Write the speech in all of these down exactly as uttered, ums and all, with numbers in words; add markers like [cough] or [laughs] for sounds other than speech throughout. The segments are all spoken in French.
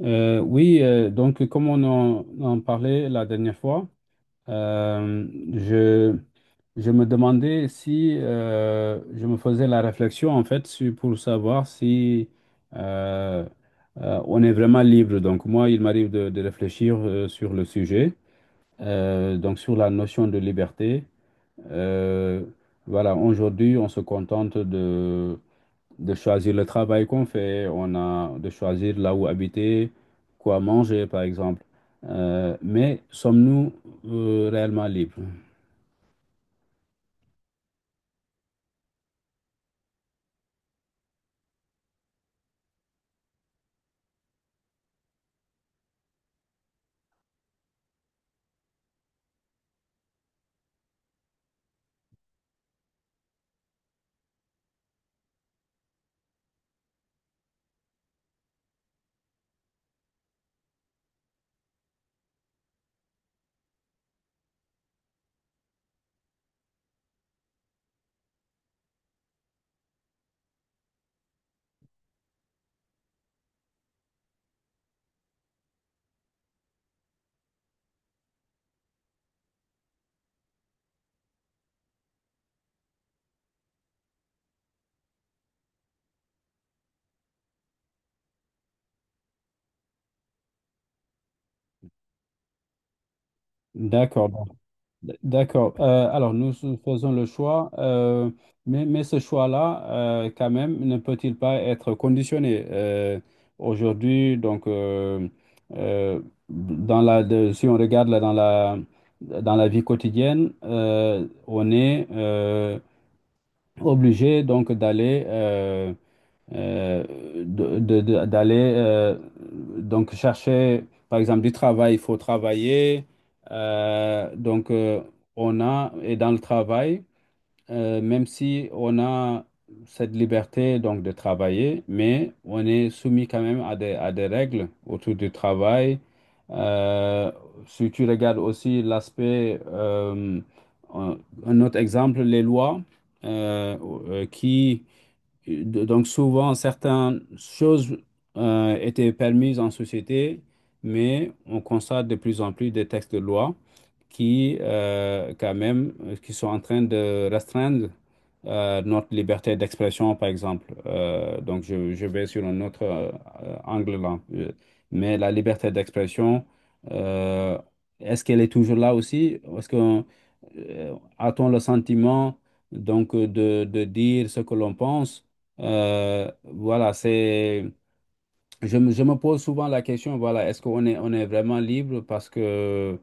Euh, oui, euh, donc comme on en, en parlait la dernière fois, euh, je, je me demandais si euh, je me faisais la réflexion en fait sur- pour savoir si euh, euh, on est vraiment libre. Donc moi, il m'arrive de, de réfléchir euh, sur le sujet, euh, donc sur la notion de liberté. Euh, voilà, aujourd'hui, on se contente de choisir le travail qu'on fait, on a de choisir là où habiter, quoi manger, par exemple. Euh, mais sommes-nous euh, réellement libres? D'accord, donc, d- d'accord. Euh, alors, nous nous faisons le choix, euh, mais, mais ce choix-là, euh, quand même, ne peut-il pas être conditionné? Euh, aujourd'hui, donc, euh, euh, dans la, de- si on regarde là, dans la, dans la vie quotidienne, euh, on est euh, obligé donc d'aller euh, euh, de- de- de- d'aller euh, donc chercher par exemple du travail, il faut travailler. Euh, donc euh, on a, et dans le travail euh, même si on a cette liberté donc de travailler, mais on est soumis quand même à des, à des règles autour du travail. Euh, Si tu regardes aussi l'aspect, euh, un un autre exemple, les lois euh, euh, qui de- Donc souvent, certaines choses euh, étaient permises en société, mais on constate de plus en plus des textes de loi qui, euh, quand même, euh, qui sont en train de restreindre euh, notre liberté d'expression, par exemple. Euh, donc je, je vais sur un autre euh, euh, angle là. Euh, Mais la liberté d'expression, euh, est-ce qu'elle est toujours là aussi? Est-ce qu'on, euh, a-t-on le sentiment donc de, de dire ce que l'on pense? Euh, voilà, c'est, je me, je me pose souvent la question, voilà, est-ce qu'on est, on est vraiment libre parce que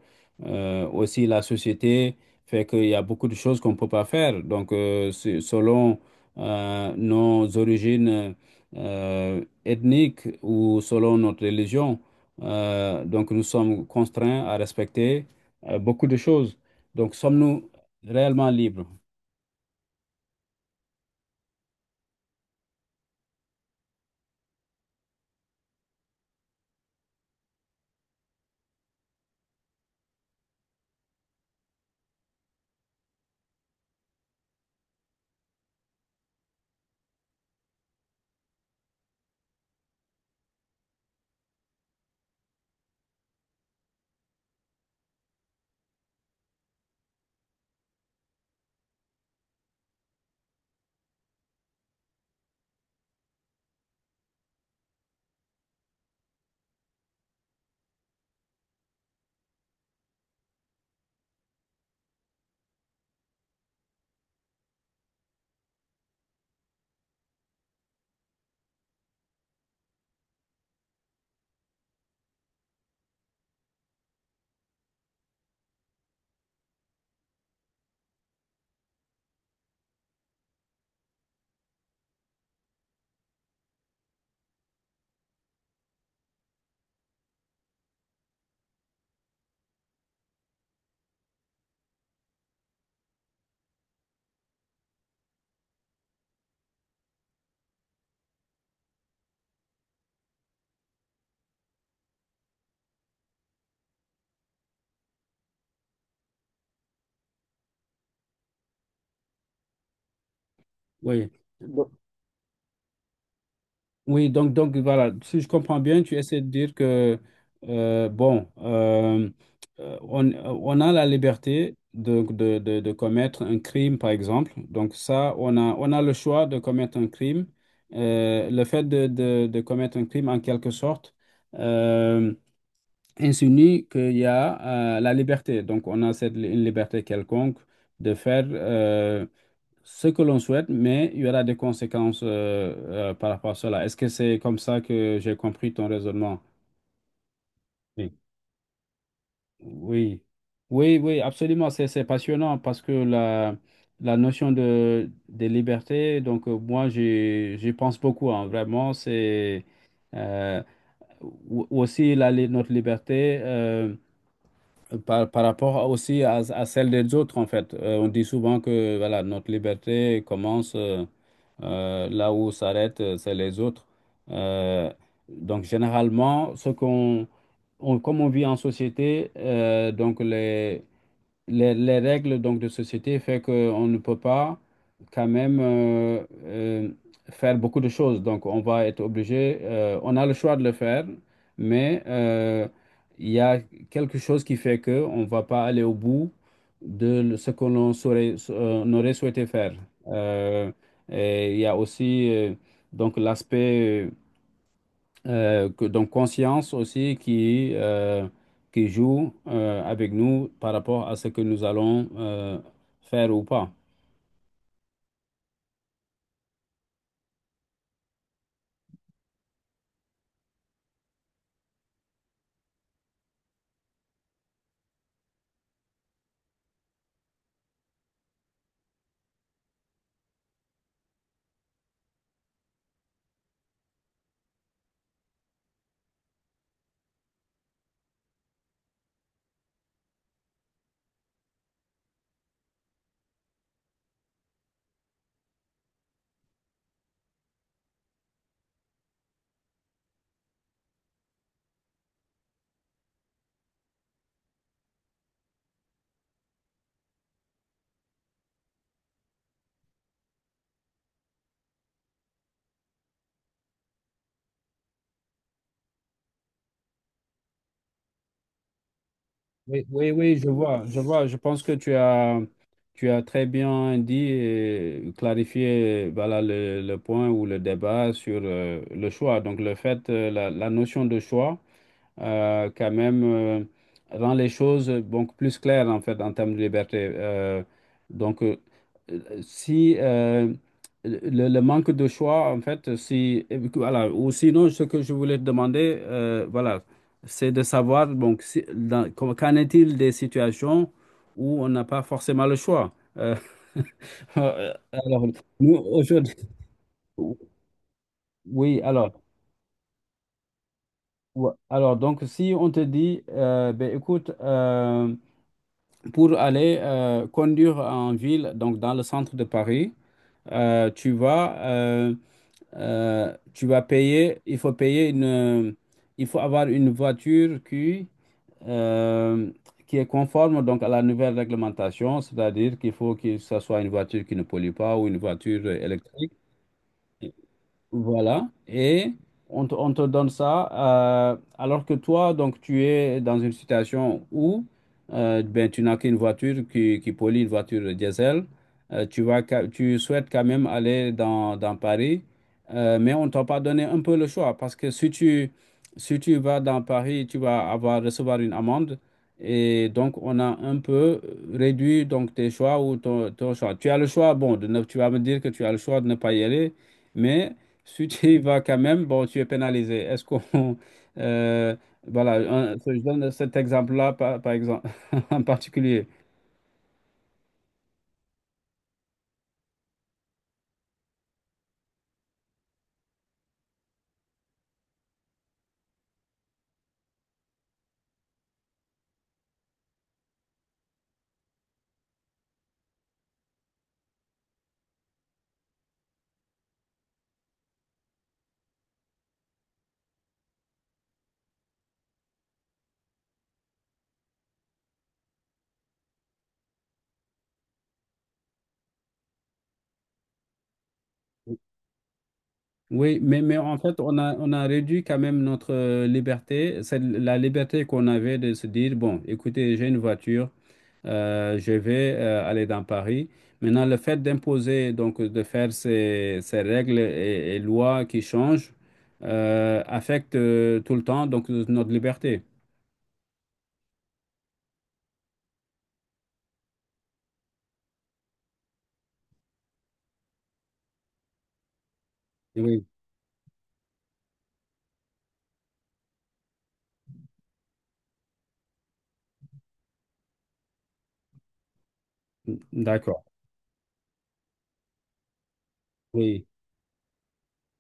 euh, aussi la société fait qu'il y a beaucoup de choses qu'on ne peut pas faire. Donc, euh, c'est- selon euh, nos origines euh, ethniques ou selon notre religion, euh, donc nous sommes contraints à respecter euh, beaucoup de choses. Donc, sommes-nous réellement libres? Oui. Oui, donc, donc voilà, si je comprends bien, tu essaies de dire que, euh, bon, euh, euh, on, euh, on a la liberté de, de, de, de commettre un crime, par exemple. Donc ça, on a, on a le choix de commettre un crime. Euh, le fait de, de, de commettre un crime, en quelque sorte, euh, insinue qu'il y a euh, la liberté. Donc on a cette li- une liberté quelconque de faire euh, ce que l'on souhaite, mais il y aura des conséquences euh, euh, par rapport à cela. Est-ce que c'est comme ça que j'ai compris ton raisonnement? Oui. Oui, oui, oui, absolument. C'est, c'est passionnant parce que la, la notion de, des libertés donc euh, moi, j'y, j'y pense beaucoup, hein. Vraiment. C'est euh, ou- aussi la, li- notre liberté. Euh, Par, par rapport aussi à, à celle des autres, en fait. Euh, on dit souvent que voilà, notre liberté commence euh, euh, là où s'arrête, euh, c'est les autres. Euh, donc, généralement, ce qu'on, on- comme on vit en société, euh, donc les, les, les règles donc, de société fait qu'on ne peut pas quand même euh, euh, faire beaucoup de choses. Donc, on va être obligé, euh, on a le choix de le faire, mais euh, il y a quelque chose qui fait que on va pas aller au bout de ce que l'on saurait- euh, on aurait souhaité faire. Euh, et il y a aussi euh, donc l'aspect euh, euh, que- donc conscience aussi qui, euh, qui joue euh, avec nous par rapport à ce que nous allons euh, faire ou pas. Oui, oui, oui, je vois, je vois. Je pense que tu as, tu as très bien dit et clarifié voilà, le, le point ou le débat sur euh, le choix. Donc le fait, euh, la, la notion de choix euh, quand même euh, rend les choses euh, donc plus claires en fait en termes de liberté. Euh, donc euh, euh, si euh, le, le manque de choix en fait si euh, voilà, ou sinon ce que je voulais te demander euh, voilà, c'est de savoir donc si- dans- com- qu'en est-il des situations où on n'a pas forcément le choix. Euh, [laughs] alors, nous aujourd'hui, oui, alors ou- alors donc si on te dit euh, ben écoute, euh, pour aller euh, conduire en ville, donc dans le centre de Paris, euh, tu vas, euh, euh, tu vas payer, il faut payer une, il faut avoir une voiture qui, euh, qui est conforme donc à la nouvelle réglementation, c'est-à-dire qu'il faut que ce soit une voiture qui ne pollue pas ou une voiture électrique. Voilà, et on te, on te donne ça, euh, alors que toi, donc, tu es dans une situation où euh, ben, tu n'as qu'une voiture qui, qui pollue, une voiture diesel. Euh, tu vas, ca- tu souhaites quand même aller dans, dans Paris, euh, mais on t'a pas donné un peu le choix, parce que si tu, si tu vas dans Paris, tu vas avoir, recevoir une amende, et donc on a un peu réduit donc, tes choix ou ton, ton choix. Tu as le choix, bon, de ne- tu vas me dire que tu as le choix de ne pas y aller, mais... Si tu y vas quand même, bon, tu es pénalisé. Est-ce qu'on... [laughs] euh, voilà, un- je donne cet exemple-là, par, par exemple, [laughs] en particulier. Oui, mais, mais en fait, on a, on a réduit quand même notre euh, liberté. C'est la liberté qu'on avait de se dire, bon, écoutez, j'ai une voiture, euh, je vais euh, aller dans Paris. Maintenant, le fait d'imposer, donc de faire ces, ces règles et, et lois qui changent, euh, affecte euh, tout le temps donc notre liberté. Oui, d'accord. Oui,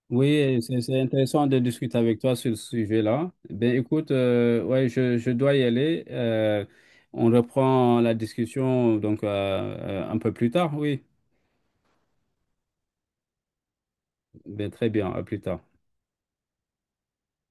oui, c'est c'est intéressant de discuter avec toi sur ce sujet-là. Ben écoute, euh, ouais, je, je dois y aller. Euh, on reprend la discussion donc euh, euh, un peu plus tard, oui. Ben très bien, à plus tard.